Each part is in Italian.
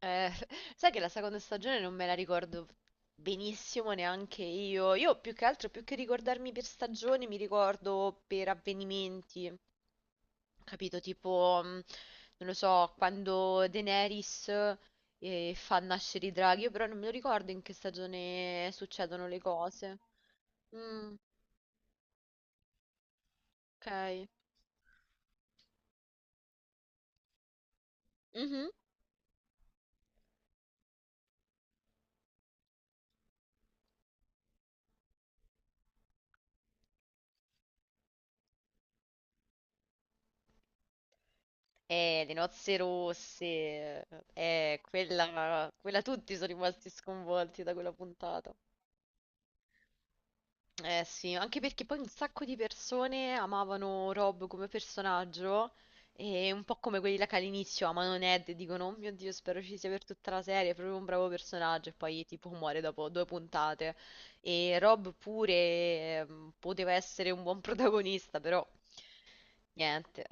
Eh, sai che la seconda stagione non me la ricordo benissimo neanche io. Io più che altro, più che ricordarmi per stagioni, mi ricordo per avvenimenti, capito? Tipo, non lo so, quando Daenerys fa nascere i draghi, io però non me lo ricordo in che stagione succedono le cose. Mm, ok. Mhm. Le nozze rosse, quella, quella, tutti sono rimasti sconvolti da quella puntata. Eh sì, anche perché poi un sacco di persone amavano Rob come personaggio e un po' come quelli là che all'inizio amano Ned e dicono, oh mio Dio, spero ci sia per tutta la serie, è proprio un bravo personaggio e poi tipo muore dopo due puntate. E Rob pure poteva essere un buon protagonista, però niente.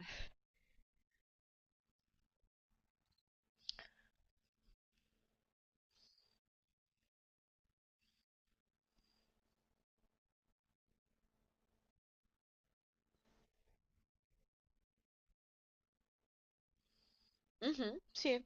Mhm, sì.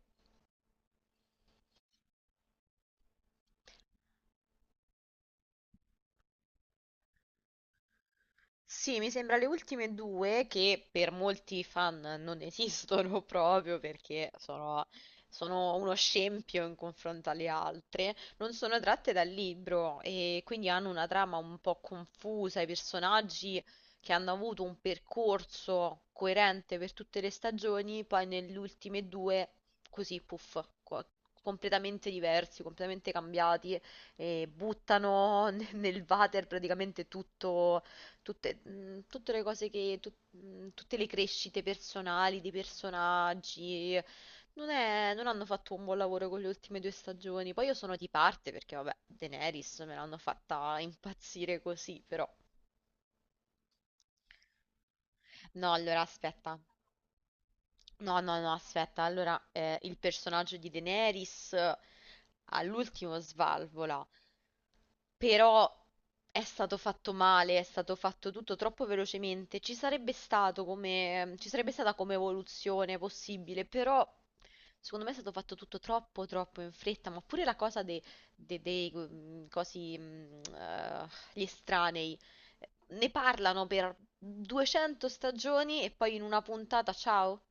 Sì, mi sembra le ultime due che per molti fan non esistono proprio perché sono uno scempio in confronto alle altre, non sono tratte dal libro e quindi hanno una trama un po' confusa, i personaggi che hanno avuto un percorso coerente per tutte le stagioni, poi nelle ultime due così, puff, completamente diversi, completamente cambiati e buttano nel nel water praticamente tutto tutte le cose che, tutte le crescite personali dei personaggi, non hanno fatto un buon lavoro con le ultime due stagioni. Poi io sono di parte perché, vabbè, Daenerys me l'hanno fatta impazzire così, però. No, allora aspetta. No, no, no, aspetta. Allora, il personaggio di Daenerys all'ultimo svalvola. Però è stato fatto male, è stato fatto tutto troppo velocemente. Ci sarebbe stata come evoluzione possibile, però secondo me è stato fatto tutto troppo in fretta. Ma pure la cosa dei cosi, gli estranei, ne parlano per 200 stagioni e poi in una puntata, ciao.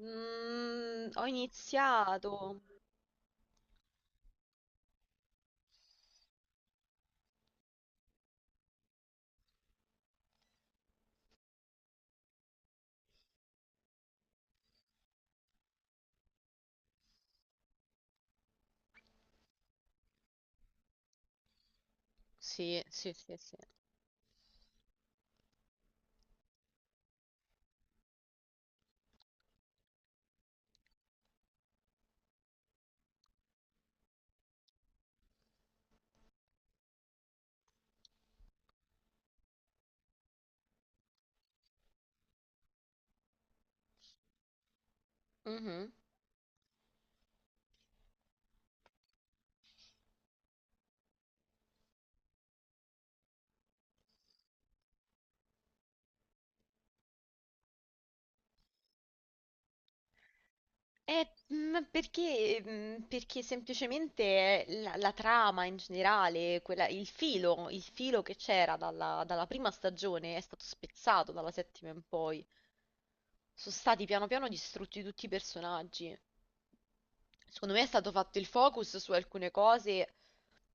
Mm, ho iniziato. Sì, sì, sì, sì. Mhm. Perché semplicemente la trama in generale, il il filo che c'era dalla prima stagione è stato spezzato dalla settima in poi, sono stati piano piano distrutti tutti i personaggi. Secondo me è stato fatto il focus su alcune cose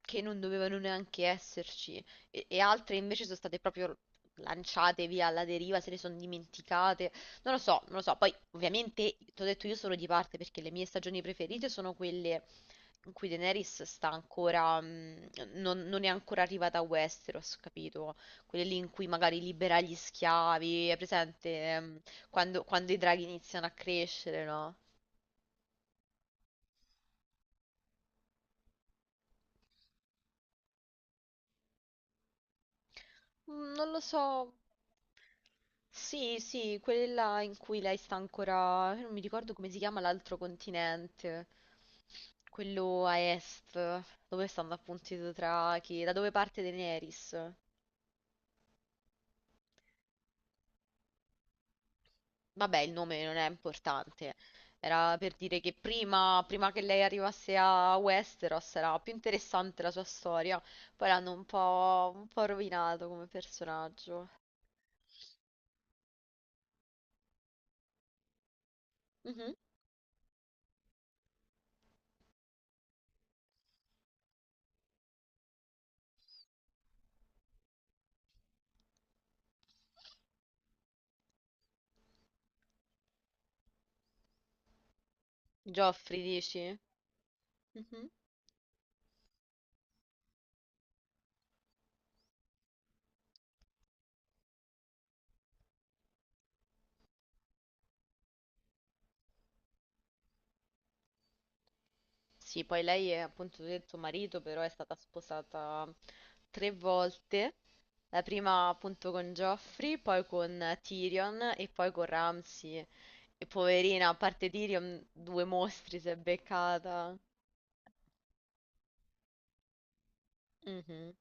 che non dovevano neanche esserci e altre invece sono state proprio lanciate via alla deriva, se ne sono dimenticate. Non lo so, non lo so. Poi, ovviamente, ti ho detto io sono di parte perché le mie stagioni preferite sono quelle in cui Daenerys sta ancora, non è ancora arrivata a Westeros, capito? Quelle lì in cui magari libera gli schiavi, è presente? ehm, quando, quando i draghi iniziano a crescere, no? Mm, non lo so. Sì, sì, quella in cui lei sta ancora. Io non mi ricordo come si chiama l'altro continente. Quello a est, dove stanno appunto i Dothraki, da dove parte Daenerys. Vabbè, il nome non è importante. Era per dire che prima, prima che lei arrivasse a Westeros era più interessante la sua storia. Poi l'hanno un po' rovinato come personaggio. Mhm. Geoffrey dici? Mhm. Sì, poi lei è appunto tu hai detto marito, però è stata sposata tre volte. La prima appunto con Geoffrey, poi con Tyrion e poi con Ramsay. E poverina, a parte Tyrion, due mostri si è beccata. Mhm.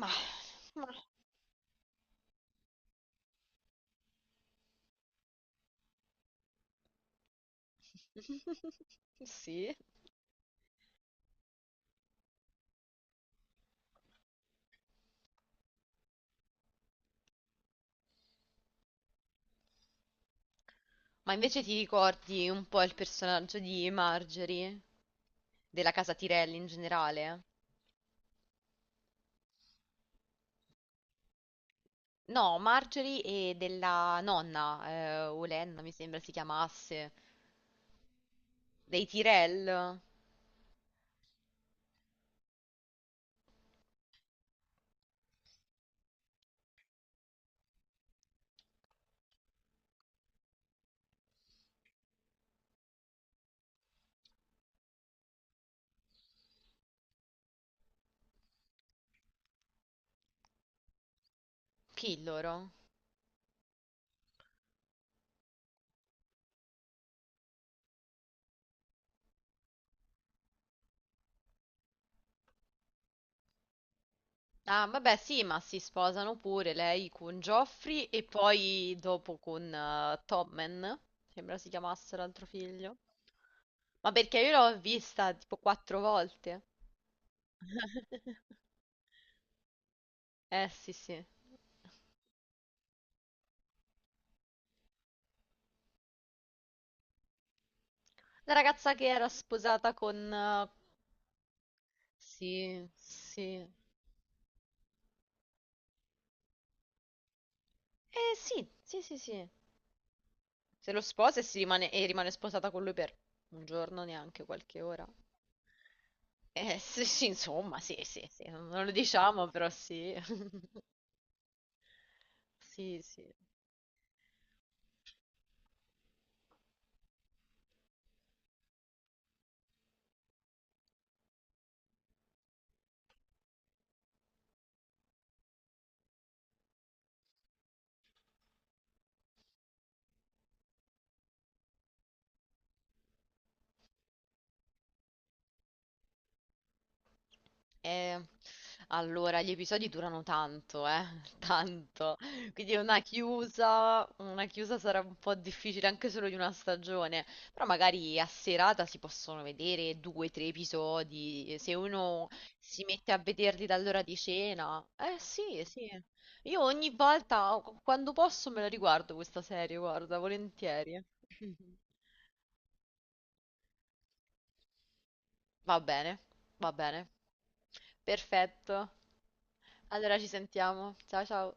Ma, ma. Sì. Ma invece ti ricordi un po' il personaggio di Marjorie, della casa Tyrell in generale? No, Marjorie e della nonna, Olenna mi sembra si chiamasse, dei Tyrell, chi loro? Ah, vabbè, sì, ma si sposano pure lei con Joffrey e poi dopo con Tommen, sembra si chiamasse l'altro figlio. Ma perché io l'ho vista tipo quattro volte. Eh sì, sì. La ragazza che era sposata con... Sì, sì. Eh sì, sì, sì, sì. Se lo sposa e, si rimane, e rimane sposata con lui per un giorno, neanche qualche ora. Sì, sì, insomma, sì, sì, sì, non lo diciamo, però sì. Sì, sì. Eh, allora, gli episodi durano tanto, tanto. Quindi una chiusa sarà un po' difficile anche solo di una stagione. Però magari a serata si possono vedere due, tre episodi. Se uno si mette a vederli dall'ora di cena. Eh sì, sì. Io ogni volta, o- quando posso, me la riguardo questa serie, guarda, volentieri. Va bene, va bene. Perfetto. Allora ci sentiamo. Ciao ciao.